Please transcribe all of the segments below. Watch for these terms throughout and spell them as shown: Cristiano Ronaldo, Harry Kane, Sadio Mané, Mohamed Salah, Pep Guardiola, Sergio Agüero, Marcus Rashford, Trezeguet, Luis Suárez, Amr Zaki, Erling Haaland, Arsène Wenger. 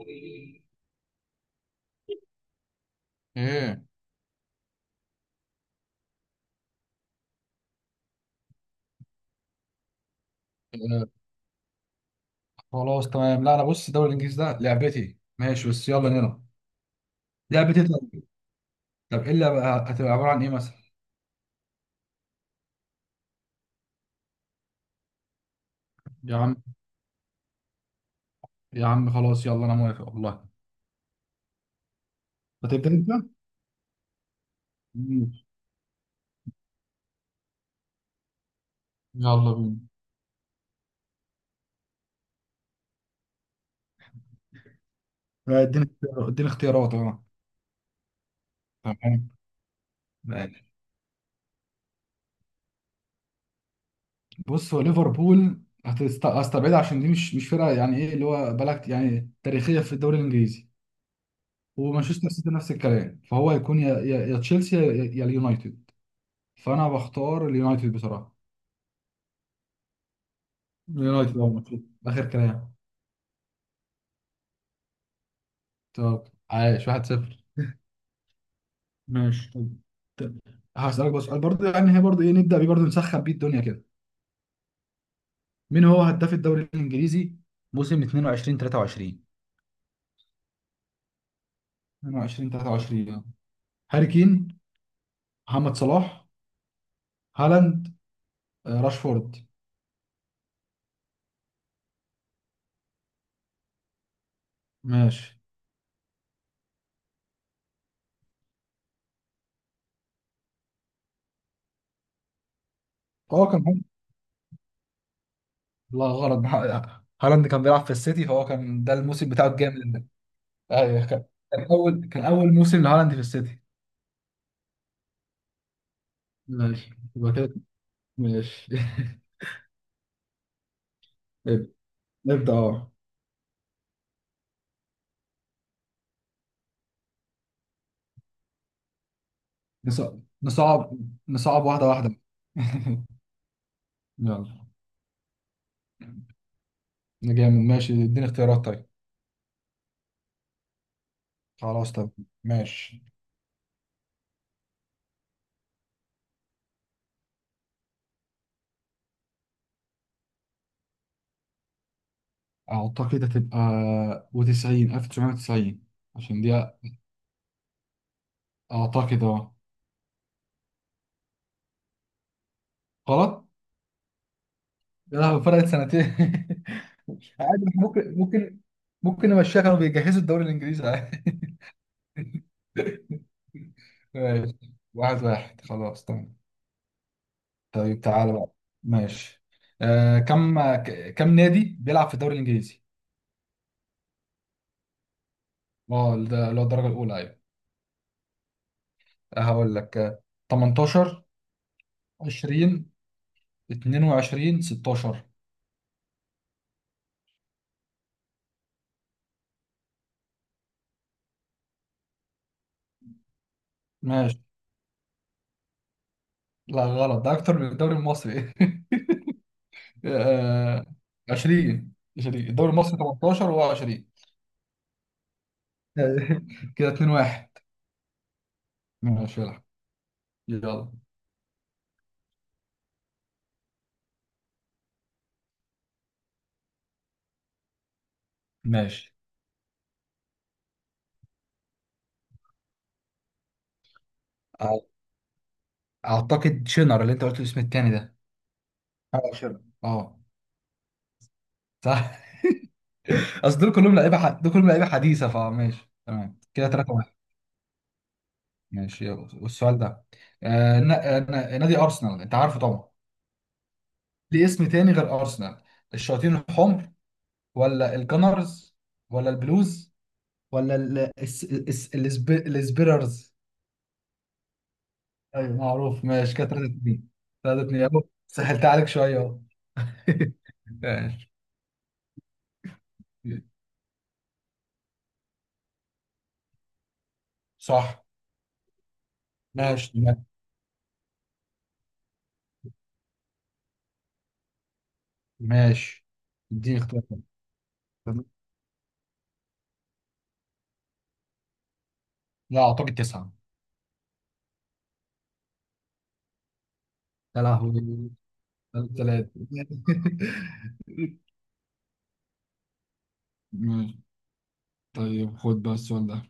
ايه. آه، خلاص تمام. لا، انا بص الدوري الانجليزي ده لعبتي، ماشي، بس يلا نلعب. لعبتي؟ طيب. طب ايه اللي هتبقى عباره عن ايه مثلا؟ يا عم، يا عم، خلاص، يلا انا موافق والله. هتبدا انت. مم. يلا بينا. اديني اختيارات اه تمام. ماشي. بص، هو ليفربول هستبعدها عشان دي مش فرقه، يعني ايه اللي هو بلد يعني تاريخيه في الدوري الانجليزي. ومانشستر سيتي نفس الكلام، فهو هيكون يا تشيلسي يا اليونايتد. فانا بختار اليونايتد بصراحه. يونايتد هو المفروض. اخر كلام. تمام. عايش واحد صفر. ماشي. طب هسألك بس سؤال برضه، يعني هي برضه ايه نبدأ بيه برضه، نسخن بيه الدنيا كده. مين هو هداف الدوري الإنجليزي موسم 22 23؟ 22 23 . هاري كين، محمد صلاح، هالاند، راشفورد. ماشي. هو كان. لا غلط. هالاند كان بيلعب في السيتي، فهو كان ده الموسم بتاعه الجامد ده. ايوه كان. كان اول موسم لهالاند في السيتي. ماشي، يبقى كده. ماشي. نبدأ اه نص- نصعب. نصعب واحدة واحدة. يلا. جامد، ماشي، اديني اختيارات طيب. خلاص. طب ماشي، اعتقد هتبقى وتسعين، ألف تسعمية وتسعين. عشان دي، اعتقد اه غلط. يا لهوي، فرقت سنتين. عادي، إحنا ممكن نمشيها، كانوا بيجهزوا الدوري الانجليزي عادي. ماشي. واحد واحد، خلاص تمام. طيب تعالى بقى. ماشي. كم نادي بيلعب في الدوري الانجليزي؟ اه، ده اللي هو الدرجة الأولى، أيوة. هقول لك. 18، 20، 22، 16. ماشي. لا غلط، ده أكتر من الدوري المصري. آه، 20. 20 الدوري المصري 18، وهو 20. كده 2 1. ماشي. يلا يلا. ماشي. أع- أعتقد شنر، اللي أنت قلت الاسم التاني ده. اه شنر. اه صح. أصل دول كلهم لعيبة حديثة، فماشي تمام، كده 3. ماشي يلا. والسؤال ده، نادي ارسنال انت عارفه طبعا، ليه اسم تاني غير ارسنال؟ الشياطين الحمر، ولا الجنرز، ولا البلوز، ولا السبيررز؟ ايوه معروف. ماشي، كده 3 2. 3 2، اهو سهلت عليك شويه اهو. ماشي. صح. ماشي تمام. ماشي، اديني اختيار تاني. لا اعتقد تسعه. يا لهوي، ثلاثه. طيب، خد بقى السؤال ده.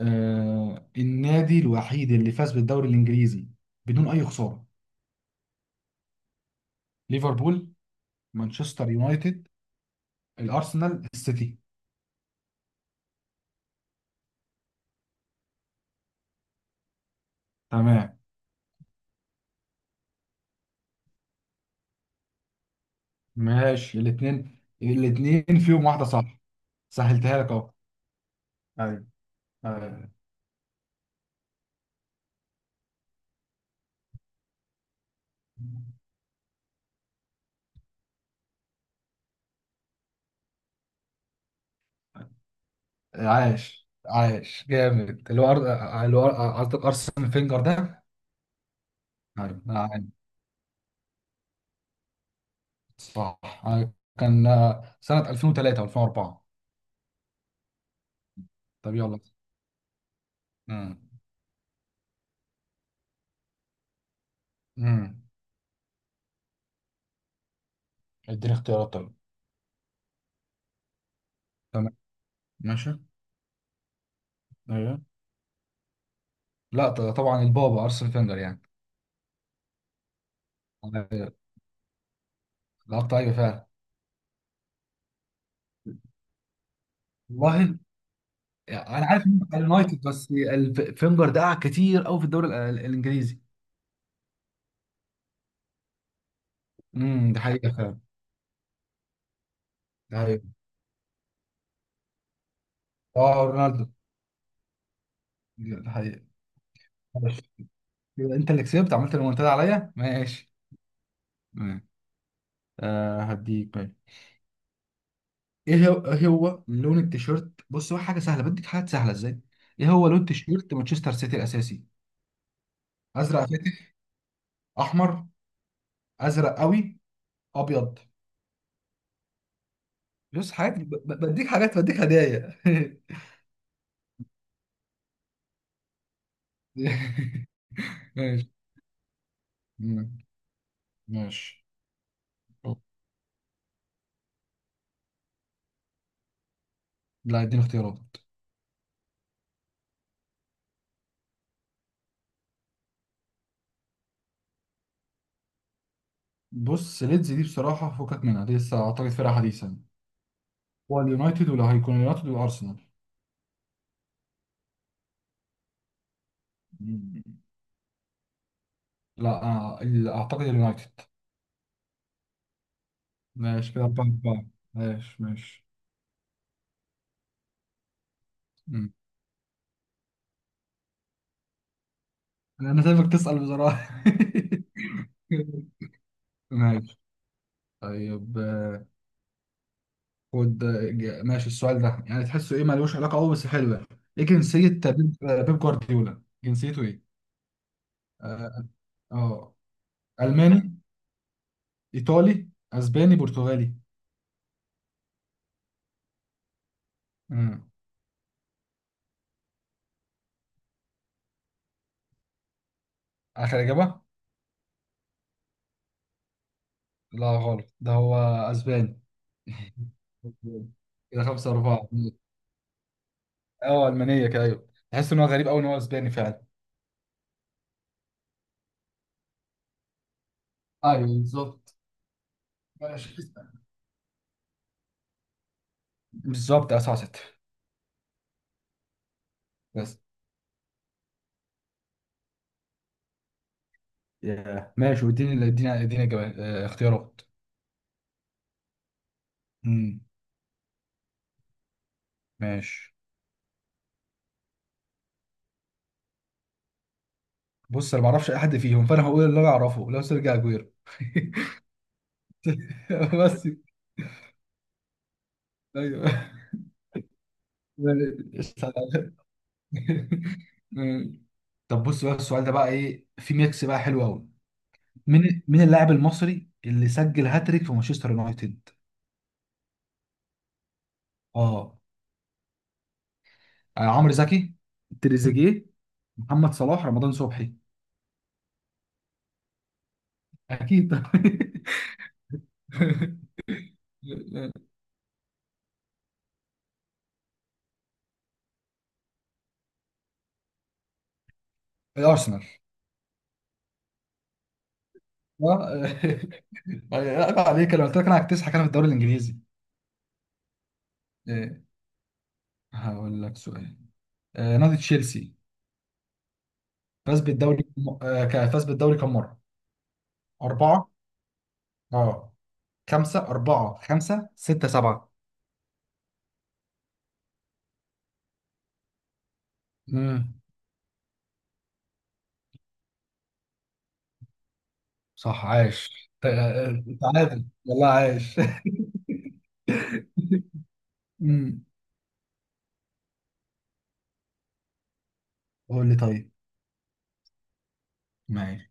النادي الوحيد اللي فاز بالدوري الانجليزي بدون اي خساره؟ ليفربول، مانشستر يونايتد، الارسنال، السيتي. تمام. ماشي، الاثنين فيهم واحده صح. سهلتها لك اهو. ايوه. آه، عاش عاش جامد، اللي هو اللي هو قصدك ارسنال فينجر ده. ايوه، نعم، صح. كان، سنه 2003 و2004. طب يلا. امم امم اديني اختيارات طيب. تمام ماشي. ايوه. لا، طبعا البابا ارسنال فينجر يعني. أنا لقطت، ايوه فعلا والله. يعني انا عارف ان هو بتاع اليونايتد، بس فينجر ده قعد كتير قوي في الدوري الانجليزي. ده حقيقه فعلا. ده حقيقه. اه، رونالدو، ده حقيقه. ماشي. يبقى انت اللي كسبت، عملت المنتدى عليا. ماشي. تمام. هديك، ماشي. ايه هو إيه هو لون التيشيرت؟ بص، هو حاجه سهله، بديك حاجات سهله ازاي. ايه هو لون تيشيرت مانشستر سيتي الاساسي؟ ازرق فاتح، احمر، ازرق قوي، ابيض. بص حاجات، بديك حاجات، بديك هدايا. ماشي. ماشي. لا، اديني اختيارات. بص ليدز دي بصراحة فكك منها، دي لسه أعتقد فرقة حديثا. هو اليونايتد، ولا هيكون اليونايتد والأرسنال. مم. لا أعتقد اليونايتد. ماشي، كده أربعة أربعة. ماشي ماشي. مم. أنا سايبك تسأل بصراحة. ماشي. طيب، خد. ماشي، السؤال ده يعني تحسه ايه، ملوش علاقه قوي بس حلو يعني. ايه جنسيه بيب؟ بيب جوارديولا جنسيته ايه؟ اه. آه. الماني، ايطالي، اسباني، برتغالي. امم اخر اجابه. لا غلط، ده هو اسباني. كده خمسة أربعة. اه ألمانية كده، أيوه، تحس إن هو غريب أوي إن هو أسباني فعلا. أيوه بالظبط. ماشي بالظبط. سبعة ستة. بس، ياه. ماشي، واديني اديني اديني إجابة- آه، اختيارات. امم ماشي. بص انا ما اعرفش اي حد فيهم، فانا هقول اللي انا اعرفه، لو سيرجي اجويرو. بس. ايوه. طب بص بقى، السؤال ده بقى ايه، في ميكس بقى حلو قوي. مين اللاعب المصري اللي سجل هاتريك في مانشستر يونايتد؟ اه. عمرو زكي، تريزيجيه، محمد صلاح، رمضان صبحي. اكيد. الارسنال. آه، آه، عيب عليك، انا قلت لك انا هكتسحك انا في الدوري الانجليزي. آه. هقول لك سؤال. آه، نادي تشيلسي فاز بالدوري م- آه ك- فاز بالدوري كم مرة؟ أربعة. اه خمسة، أربعة، خمسة، ستة، سبعة. امم صح. عاش، تعادل والله، عاش. امم. قول لي طيب. ماشي.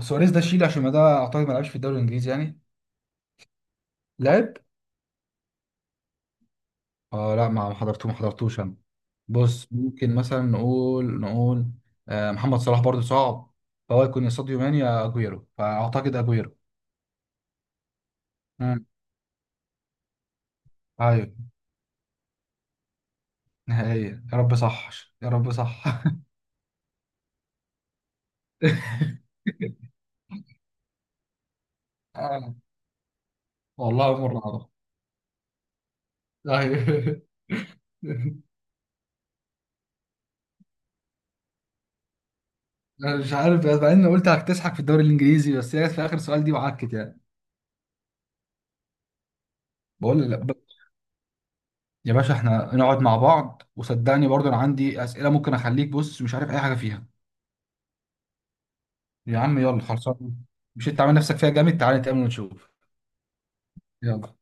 سواريز ده شيل، عشان ما ده أعتقد ما لعبش في الدوري الإنجليزي يعني. لعب؟ اه لا، ما حضرتوش أنا. بص ممكن مثلا نقول. محمد صلاح برضه صعب. فهو يكون يا ساديو ماني يا أجويرو، فأعتقد أجويرو. امم ايوه. نهائيا، يا رب صح، يا رب صح. آه، والله أمر العظيم. أيوه. أنا مش عارف، بس بعدين قلت هتسحك في الدوري الإنجليزي، بس هي جت في آخر سؤال دي وعكت يعني. بقول لا يا باشا، احنا نقعد مع بعض وصدقني برضو أنا عندي أسئلة ممكن أخليك بص مش عارف أي حاجة فيها. يا عم يلا، خلصان. مش أنت عامل نفسك فيها جامد؟ تعالى نتقابل ونشوف. يلا.